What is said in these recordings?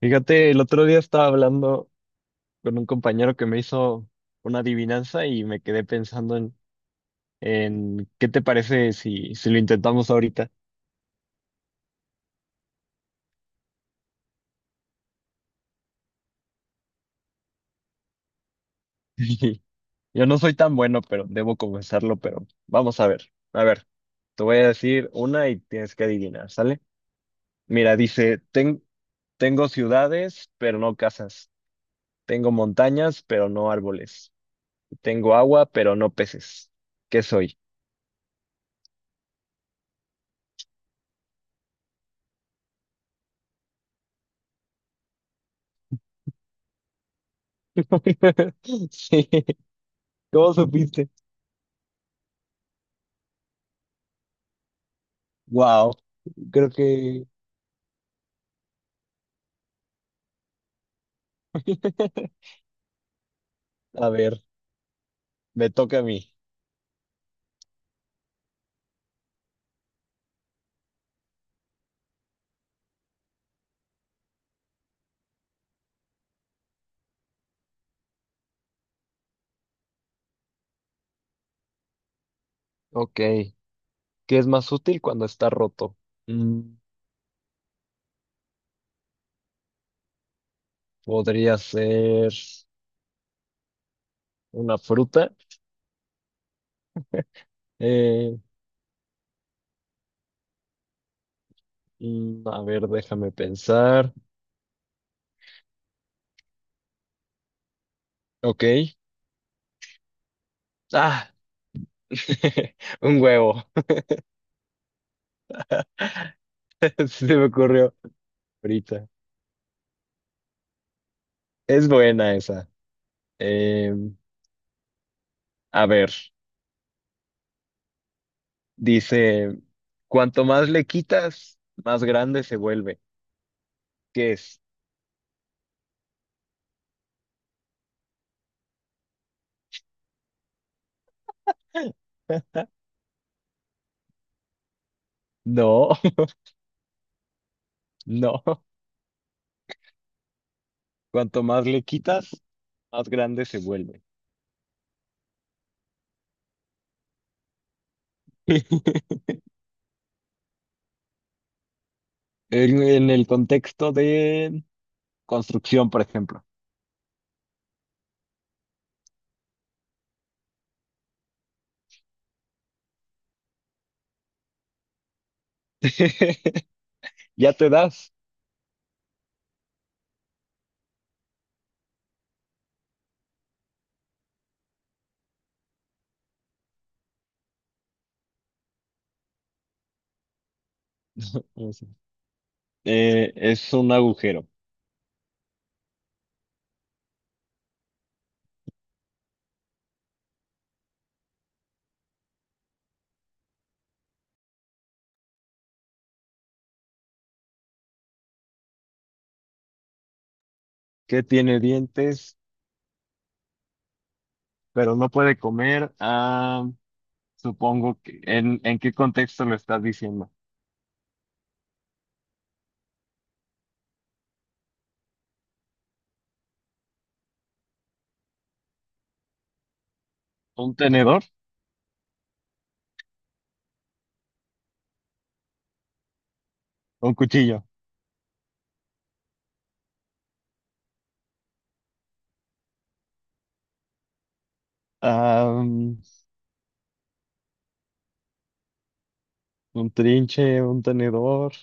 Fíjate, el otro día estaba hablando con un compañero que me hizo una adivinanza y me quedé pensando en qué te parece si lo intentamos ahorita. Yo no soy tan bueno, pero debo confesarlo, pero vamos a ver. A ver, te voy a decir una y tienes que adivinar, ¿sale? Mira, dice, Tengo ciudades, pero no casas. Tengo montañas, pero no árboles. Tengo agua, pero no peces. ¿Qué soy?" Sí, ¿cómo supiste? Wow, creo que, a ver, me toca a mí. Ok, ¿qué es más útil cuando está roto? Mm, podría ser una fruta. Eh, a ver, déjame pensar. Ok, ah, un huevo, se me ocurrió ahorita. Es buena esa. Em, a ver, dice, cuanto más le quitas, más grande se vuelve. ¿Qué es? No, no. Cuanto más le quitas, más grande se vuelve. En el contexto de construcción, por ejemplo. Ya te das. Eso. Es un agujero que tiene dientes, pero no puede comer. Ah, supongo que ¿en qué contexto lo estás diciendo? ¿Un tenedor? ¿Un cuchillo? Ah, mm, un trinche, un tenedor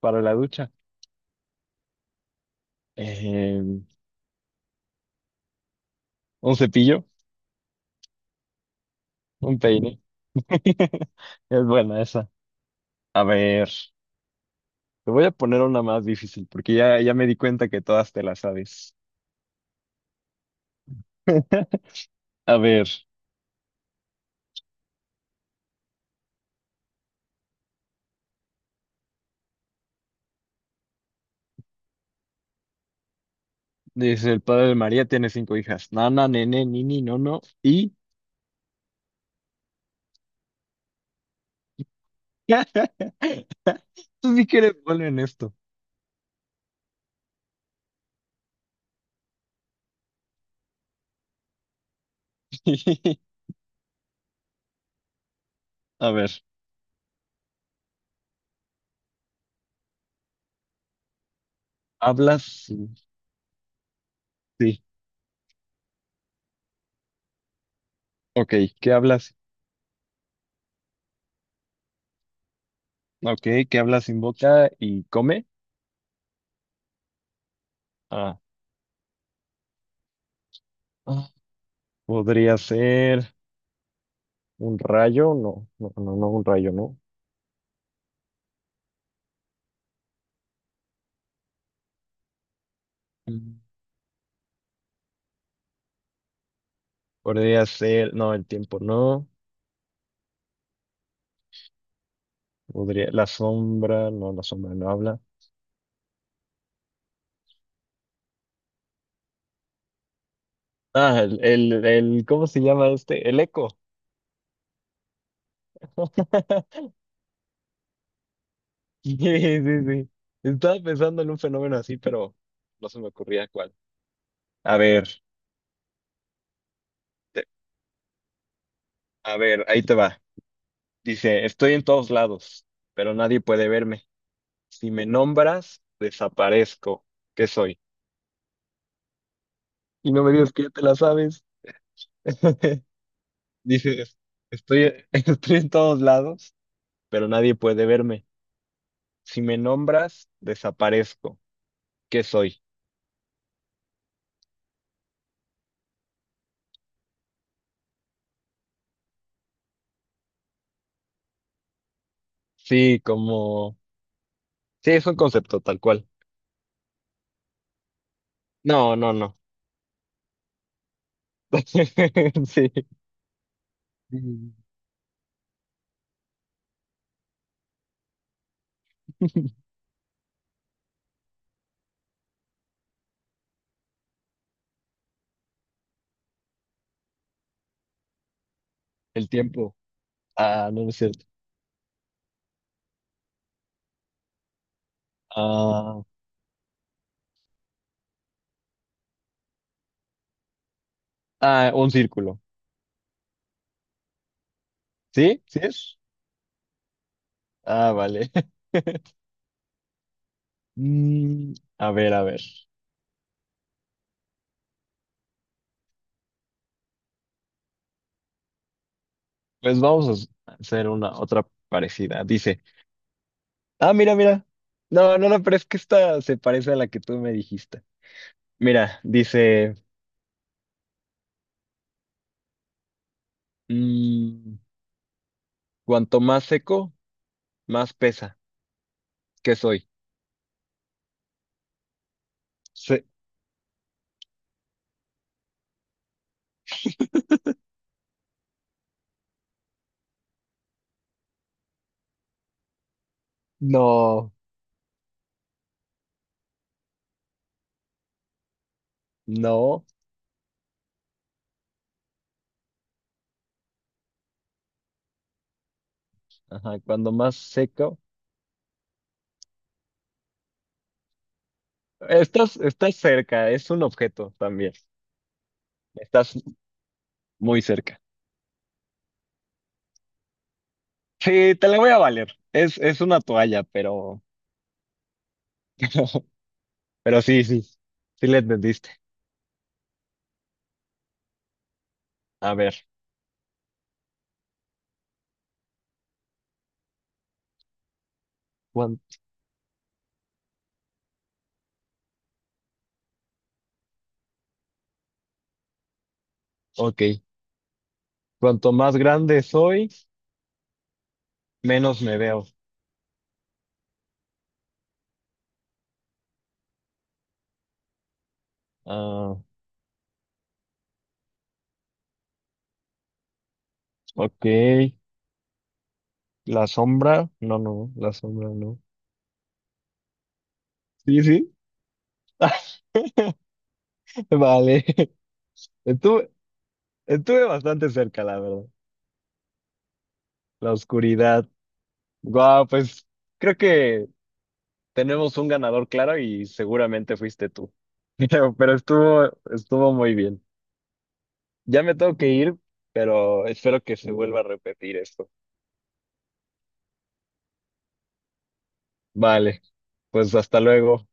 para la ducha. Eh, un cepillo, un peine. Es buena esa. A ver, te voy a poner una más difícil porque ya me di cuenta que todas te las sabes. A ver, dice el padre de María tiene cinco hijas: Nana, nene, nini, nono y... Tú sí que eres bueno en esto. A ver, hablas... sin- Sí, ok, ¿qué hablas? Ok, ¿qué hablas sin boca y come? Ah, ah, podría ser un rayo, un rayo, no. Mm. Podría ser, no, el tiempo, no. Podría, la sombra no habla. Ah, ¿cómo se llama este? El eco. Sí, sí, sí. Estaba pensando en un fenómeno así, pero no se me ocurría cuál. A ver, te- a ver, ahí te va. Dice, estoy en todos lados, pero nadie puede verme. Si me nombras, desaparezco. ¿Qué soy? Y no me digas que ya te la sabes. Dices, estoy en todos lados, pero nadie puede verme. Si me nombras, desaparezco. ¿Qué soy? Sí, como... Sí, es un concepto tal cual. No, no, no. Sí. Mm. El tiempo. Ah, no, no es cierto. Ah, ah, un círculo. ¿Sí? ¿Sí es? Ah, vale. Mm, a ver, a ver. Pues vamos a hacer una otra parecida. Dice, ah, mira, mira. No, no, no, pero es que esta se parece a la que tú me dijiste. Mira, dice, mm, cuanto más seco, más pesa. ¿Qué soy? No, no. Ajá, cuando más seco. Estás cerca, es un objeto también. Estás muy cerca. Sí, te la voy a valer. Es una toalla, pero pero sí, sí, sí le entendiste. A ver, cuan- ok. Cuanto más grande soy, menos me veo. Ah, ok. La sombra, no, no, la sombra no. Sí, sí. Vale. Estuve, estuve bastante cerca, la verdad. La oscuridad. Guau, pues creo que tenemos un ganador claro y seguramente fuiste tú. Pero estuvo muy bien. Ya me tengo que ir, pero espero que se vuelva a repetir esto. Vale, pues hasta luego.